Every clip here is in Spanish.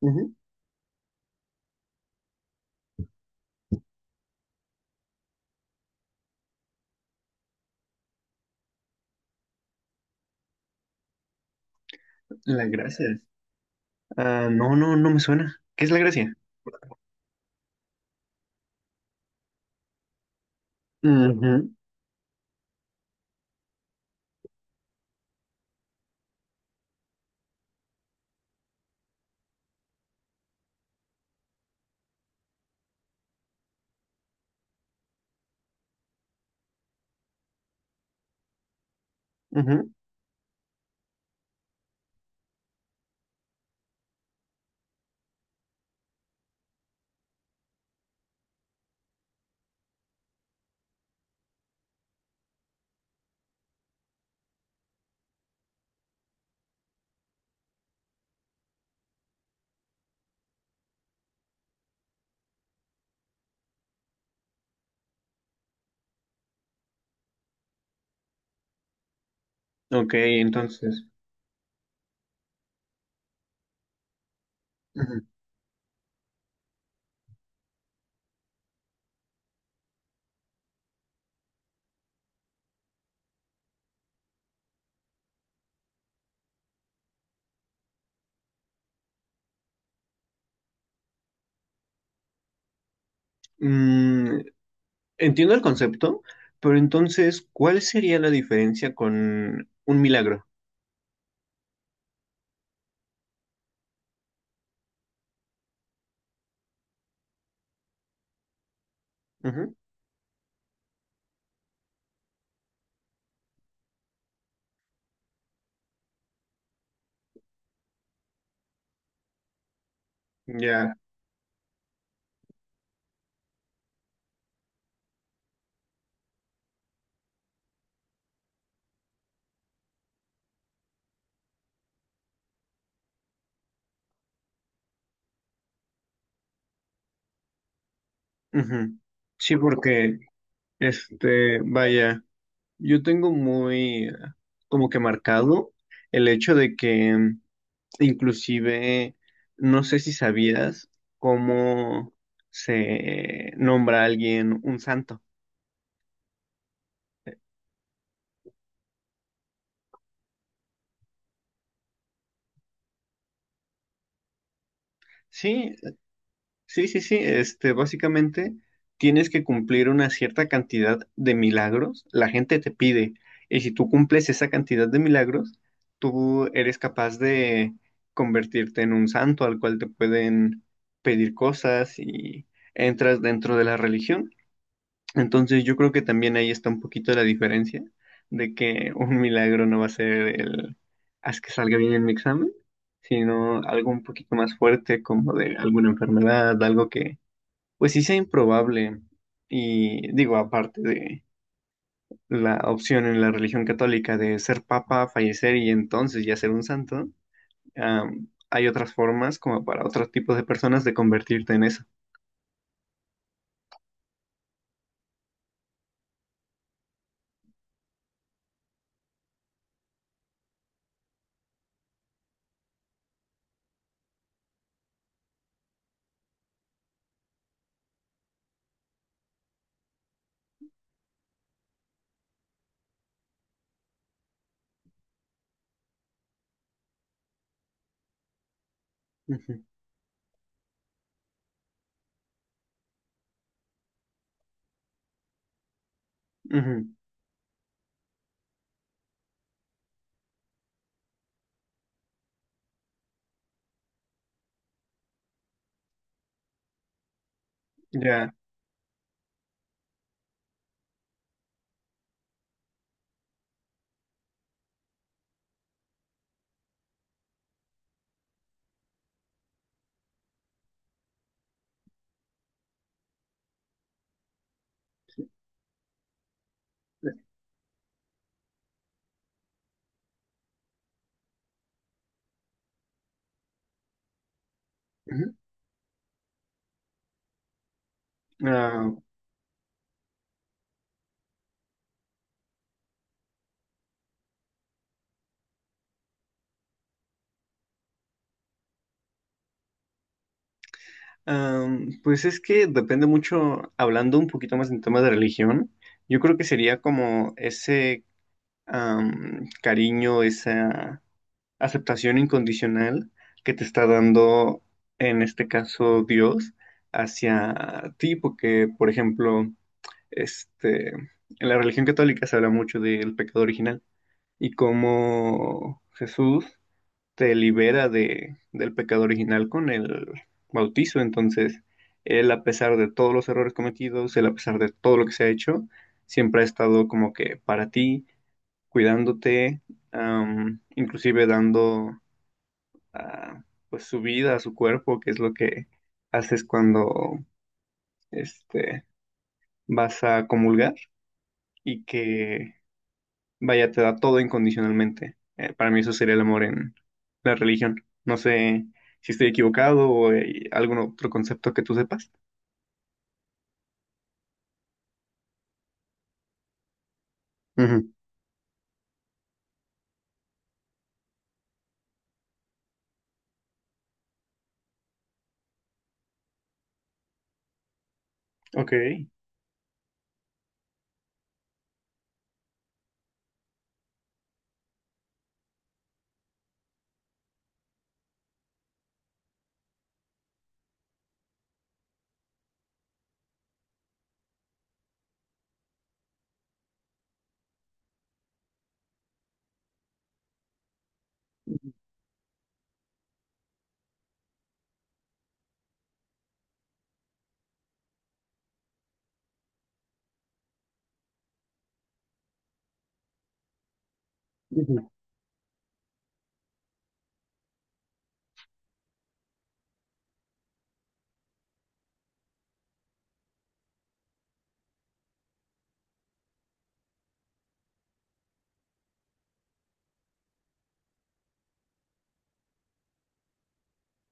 Ujú. Las gracias. Ah, no me suena. ¿Qué es la gracia? Ujú, ujú. Ok, entonces. Ujú. Mm, entiendo el concepto, pero entonces, ¿cuál sería la diferencia con un milagro? Ujú. Ya. Ujú. Sí, porque, este, vaya, yo tengo muy como que marcado el hecho de que inclusive, no sé si sabías cómo se nombra a alguien un santo. Sí, sí. Básicamente tienes que cumplir una cierta cantidad de milagros. La gente te pide. Y si tú cumples esa cantidad de milagros, tú eres capaz de convertirte en un santo al cual te pueden pedir cosas y entras dentro de la religión. Entonces yo creo que también ahí está un poquito la diferencia de que un milagro no va a ser el haz que salga bien en mi examen, sino algo un poquito más fuerte como de alguna enfermedad, algo que pues sí sea improbable. Y digo, aparte de la opción en la religión católica de ser papa, fallecer y entonces ya ser un santo, hay otras formas como para otros tipos de personas de convertirte en eso. Ujú, ujú, ya. Ujú. Ah, pues es que depende mucho, hablando un poquito más en tema de religión, yo creo que sería como ese cariño, esa aceptación incondicional que te está dando, en este caso, Dios hacia ti, porque, por ejemplo, este, en la religión católica se habla mucho del pecado original y cómo Jesús te libera de, del pecado original con el bautizo. Entonces, él a pesar de todos los errores cometidos, él a pesar de todo lo que se ha hecho, siempre ha estado como que para ti, cuidándote, inclusive dando pues su vida a su cuerpo, que es lo que haces cuando este, vas a comulgar y que vaya, te da todo incondicionalmente. Para mí eso sería el amor en la religión. No sé si estoy equivocado o hay algún otro concepto que tú sepas. Ujú. Ok. Ujú.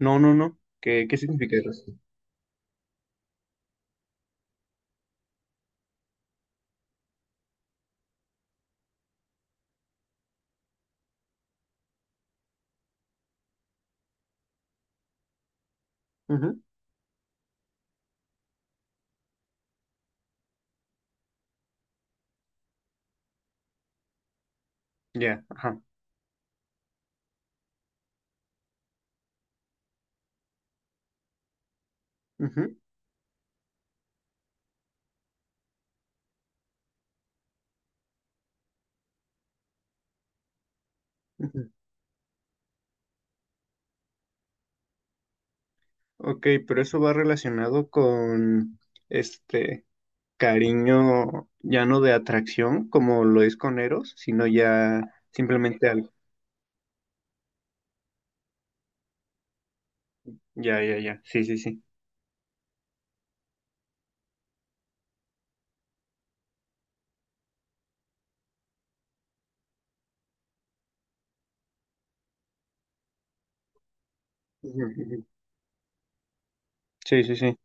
No. ¿Qué, qué significa eso? Ujú. Ya, ajá. Ujú, ujú. Ok, pero eso va relacionado con este cariño ya no de atracción como lo es con Eros, sino ya simplemente algo. Ya, ya, ya. Sí, sí, sí. Ujú, ujú. Sí, sí, sí.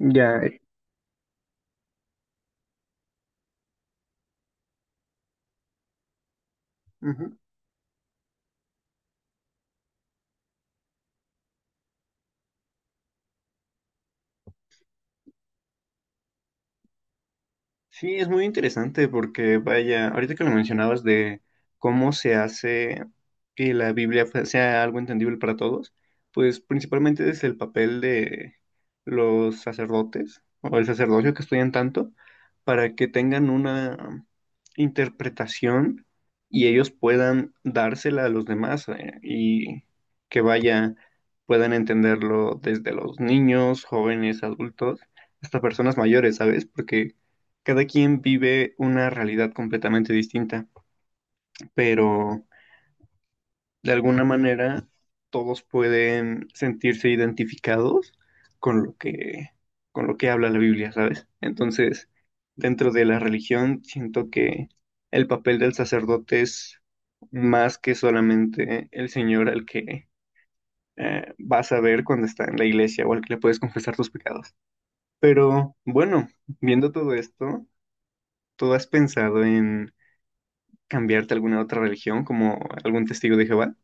Ya. Ujú. Sí, es muy interesante porque, vaya, ahorita que lo mencionabas de cómo se hace que la Biblia fue- sea algo entendible para todos, pues principalmente desde el papel de los sacerdotes o el sacerdocio que estudian tanto para que tengan una interpretación y ellos puedan dársela a los demás, y que vaya, puedan entenderlo desde los niños, jóvenes, adultos, hasta personas mayores, ¿sabes? Porque cada quien vive una realidad completamente distinta, pero de alguna manera todos pueden sentirse identificados con lo que, con lo que habla la Biblia, ¿sabes? Entonces, dentro de la religión, siento que el papel del sacerdote es más que solamente el Señor al que vas a ver cuando está en la iglesia o al que le puedes confesar tus pecados. Pero bueno, viendo todo esto, ¿tú has pensado en cambiarte a alguna otra religión, como algún testigo de Jehová?